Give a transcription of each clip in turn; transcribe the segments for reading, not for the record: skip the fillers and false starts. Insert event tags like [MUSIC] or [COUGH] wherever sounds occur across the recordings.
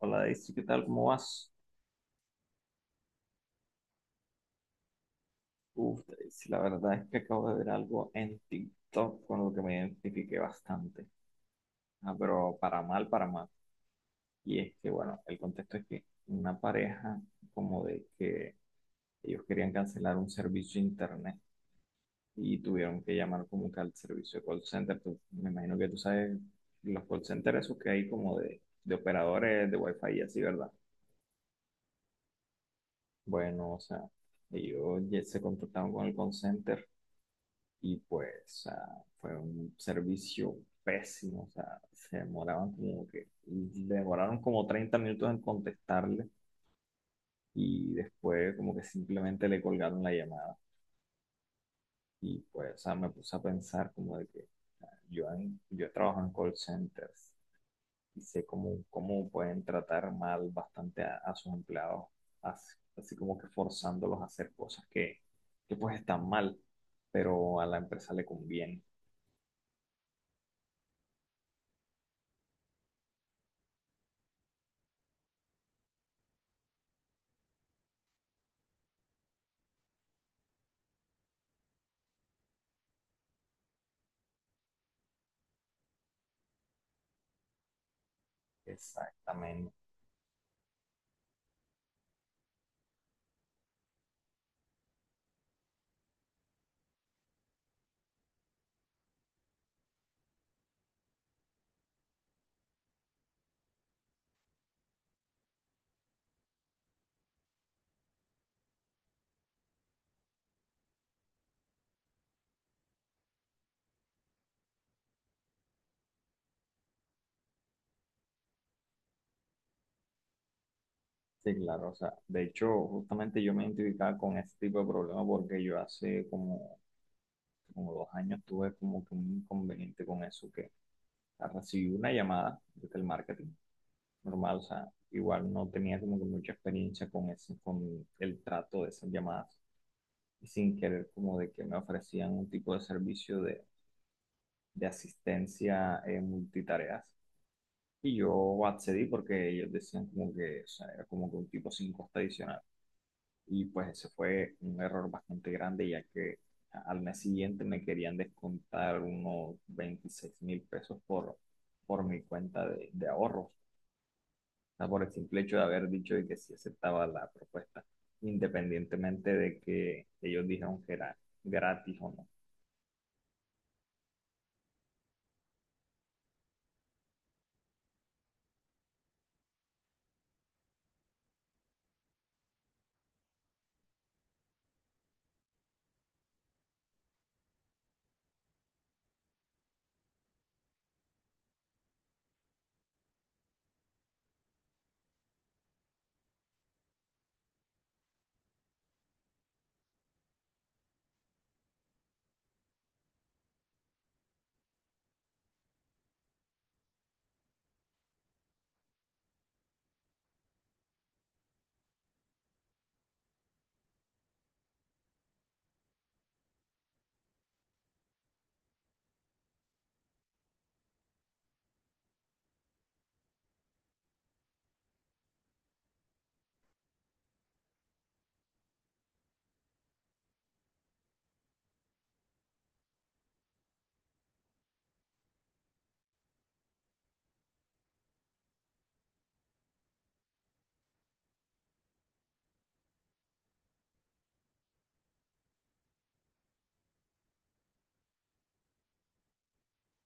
Hola Daisy, ¿qué tal? ¿Cómo vas? Uf, Daisy, la verdad es que acabo de ver algo en TikTok con lo que me identifiqué bastante. Ah, pero para mal, para mal. Y es que, bueno, el contexto es que una pareja como de que ellos querían cancelar un servicio de internet y tuvieron que llamar como que al servicio de call center. Me imagino que tú sabes los call centers esos que hay como de operadores de Wi-Fi y así, ¿verdad? Bueno, o sea, ellos ya se contactaron con el call center y pues fue un servicio pésimo, o sea, se demoraban como que, demoraron como 30 minutos en contestarle, y después como que simplemente le colgaron la llamada. Y pues, o sea, me puse a pensar como de que yo he trabajado en call centers y sé cómo pueden tratar mal bastante a sus empleados, así, así como que forzándolos a hacer cosas que, pues están mal, pero a la empresa le conviene. Exactamente. Sí, claro, o sea, de hecho, justamente yo me identificaba con este tipo de problemas porque yo hace como 2 años tuve como que un inconveniente con eso, que o sea, recibí una llamada desde el marketing normal. O sea, igual no tenía como que mucha experiencia con ese con el trato de esas llamadas, y sin querer como de que me ofrecían un tipo de servicio de asistencia en multitareas, y yo accedí porque ellos decían como que, o sea, era como que un tipo sin costo adicional. Y pues ese fue un error bastante grande, ya que al mes siguiente me querían descontar unos 26.000 pesos por mi cuenta de ahorros, o sea, por el simple hecho de haber dicho de que sí aceptaba la propuesta, independientemente de que ellos dijeron que era gratis o no.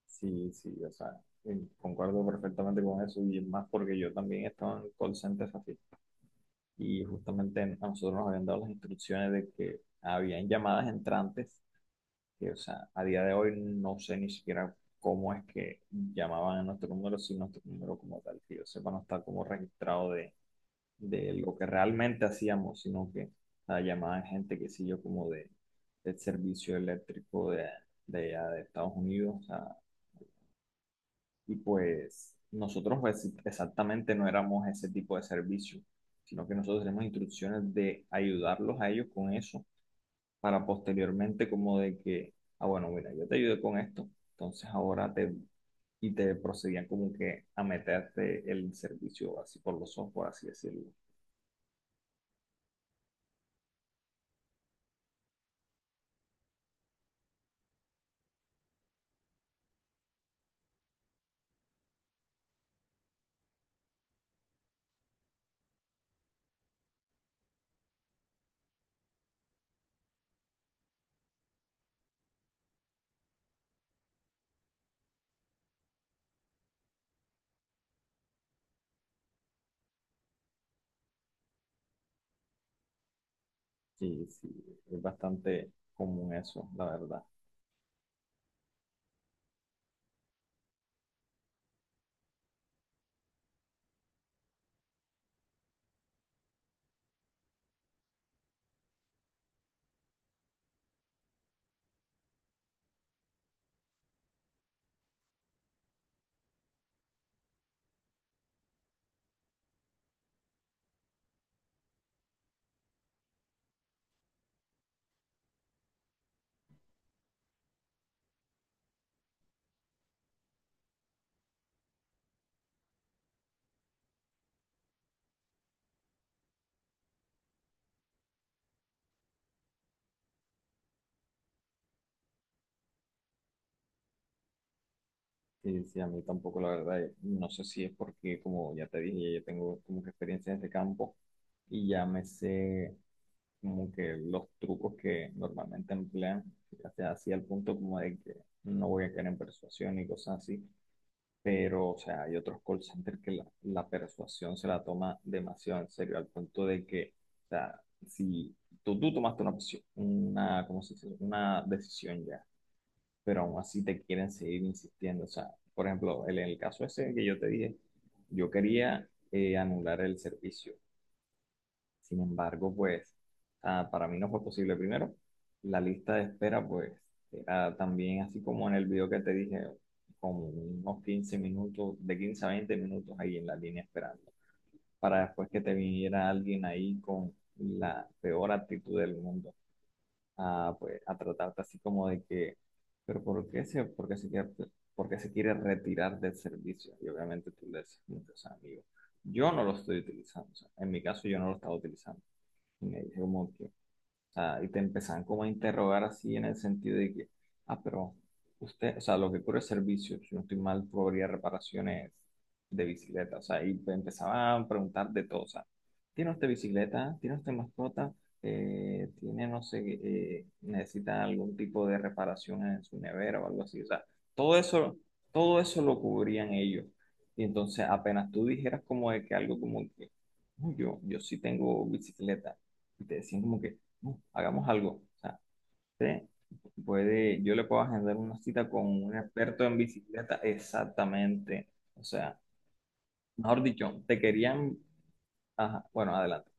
Sí, sí, o sea, concuerdo perfectamente con eso, y es más porque yo también estaba en call centers así. Y justamente a nosotros nos habían dado las instrucciones de que habían llamadas entrantes. Sí, o sea, a día de hoy no sé ni siquiera cómo es que llamaban a nuestro número, si nuestro número como tal, que yo sepa, no está como registrado de lo que realmente hacíamos, sino que la llamada de gente que sé yo como de, del servicio eléctrico allá de Estados Unidos, o sea, y pues nosotros pues exactamente no éramos ese tipo de servicio, sino que nosotros tenemos instrucciones de ayudarlos a ellos con eso para posteriormente como de que, ah, bueno, mira, yo te ayudé con esto, entonces ahora te, y te procedían como que a meterte el servicio así por los ojos, por así decirlo. Sí, sí, es bastante común eso, la verdad. Sí, sí, a mí tampoco, la verdad. No sé si es porque, como ya te dije, ya yo tengo como que experiencia en este campo y ya me sé como que los trucos que normalmente emplean, ya sea así al punto como de que no voy a caer en persuasión y cosas así. Pero, o sea, hay otros call centers que la persuasión se la toma demasiado en serio, al punto de que, o sea, si tú tomaste una, una, ¿cómo se dice? Una decisión ya, pero aún así te quieren seguir insistiendo. O sea, por ejemplo, el en el caso ese que yo te dije, yo quería anular el servicio. Sin embargo, pues, para mí no fue posible. Primero, la lista de espera, pues, era también así como en el video que te dije, como unos 15 minutos, de 15 a 20 minutos ahí en la línea esperando, para después que te viniera alguien ahí con la peor actitud del mundo a, pues, a tratarte así como de que, pero ¿por qué se, por qué se quiere, ¿por qué se quiere retirar del servicio? Y obviamente tú le dices, como que, o sea, amigo, yo no lo estoy utilizando, o sea, en mi caso yo no lo estaba utilizando. Y me dice como que, sea, y te empezaban como a interrogar así en el sentido de que, ah, pero usted, o sea, lo que cubre es servicio, si no estoy mal, cobraría reparaciones de bicicleta. O sea, y te empezaban a preguntar de todo, o sea, ¿tiene usted bicicleta? ¿Tiene usted mascota? ¿Tiene, no sé, necesita algún tipo de reparación en su nevera o algo así? O sea, todo eso, todo eso lo cubrían ellos. Y entonces apenas tú dijeras como de que algo como que: "Uy, yo sí tengo bicicleta". Y te decían como que: hagamos algo. O sea, usted puede, yo le puedo agendar una cita con un experto en bicicleta, exactamente". O sea, mejor dicho, te querían, ajá, bueno, adelante.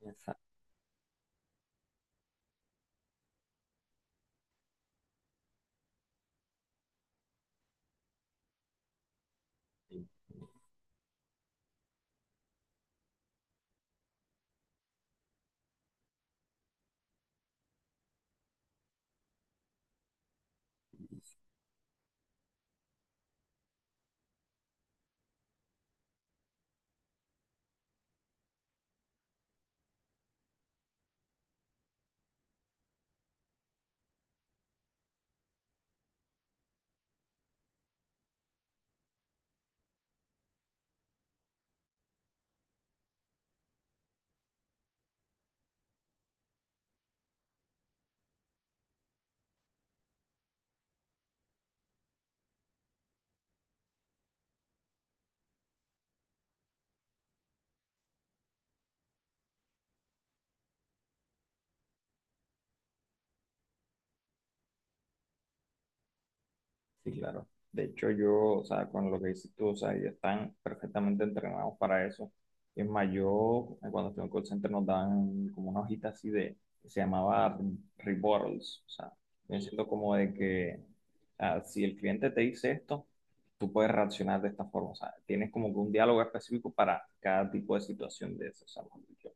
Exacto. Sí, claro. De hecho, yo, o sea, con lo que dices tú, o sea, ellos están perfectamente entrenados para eso. Es más, yo, cuando estuve en call center, nos daban como una hojita así de, que se llamaba rebuttals. O sea, yo siento como de que, o sea, si el cliente te dice esto, tú puedes reaccionar de esta forma. O sea, tienes como que un diálogo específico para cada tipo de situación de eso. O sea, mejor dicho,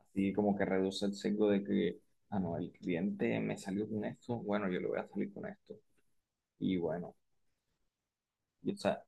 así como que reduce el sesgo de que, ah, no, el cliente me salió con esto, bueno, yo le voy a salir con esto. Y bueno. Y, o sea,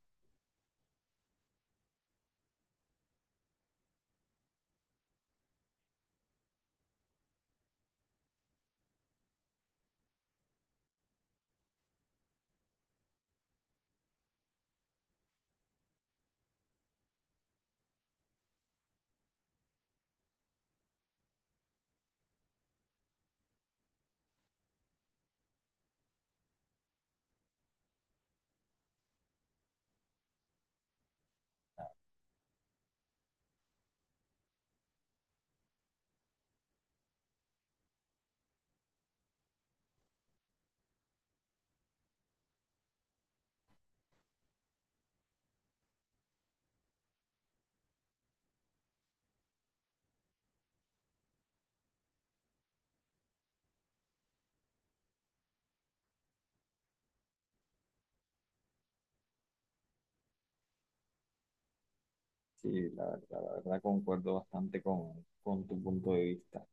sí, la verdad concuerdo bastante con tu punto de vista.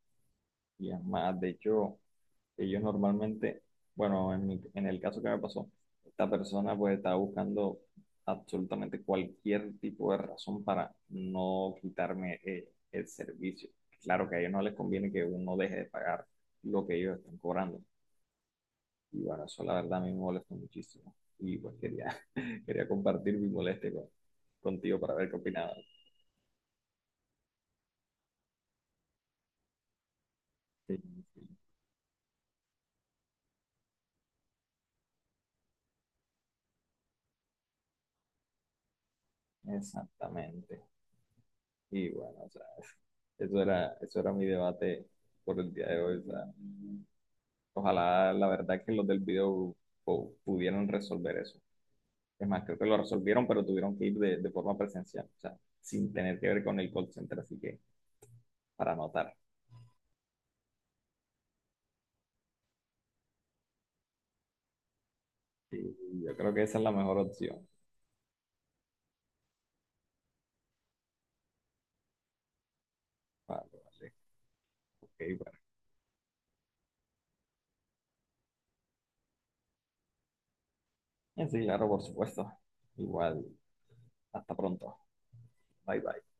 Y es más, de hecho, ellos normalmente, bueno, en en el caso que me pasó, esta persona pues estaba buscando absolutamente cualquier tipo de razón para no quitarme el servicio. Claro que a ellos no les conviene que uno deje de pagar lo que ellos están cobrando. Y bueno, eso la verdad a mí me molesta muchísimo. Y pues quería, [LAUGHS] quería compartir mi molestia contigo para ver qué opinabas. Sí, sí. Exactamente. Y bueno, o sea, eso era mi debate por el día de hoy. O sea, ojalá la verdad que los del video pudieran resolver eso. Es más, creo que lo resolvieron, pero tuvieron que ir de forma presencial, o sea, sin tener que ver con el call center, así que para anotar. Y yo creo que esa es la mejor opción. Vale, vale, ok, bueno. Sí, claro, por supuesto. Igual, hasta pronto. Bye, bye.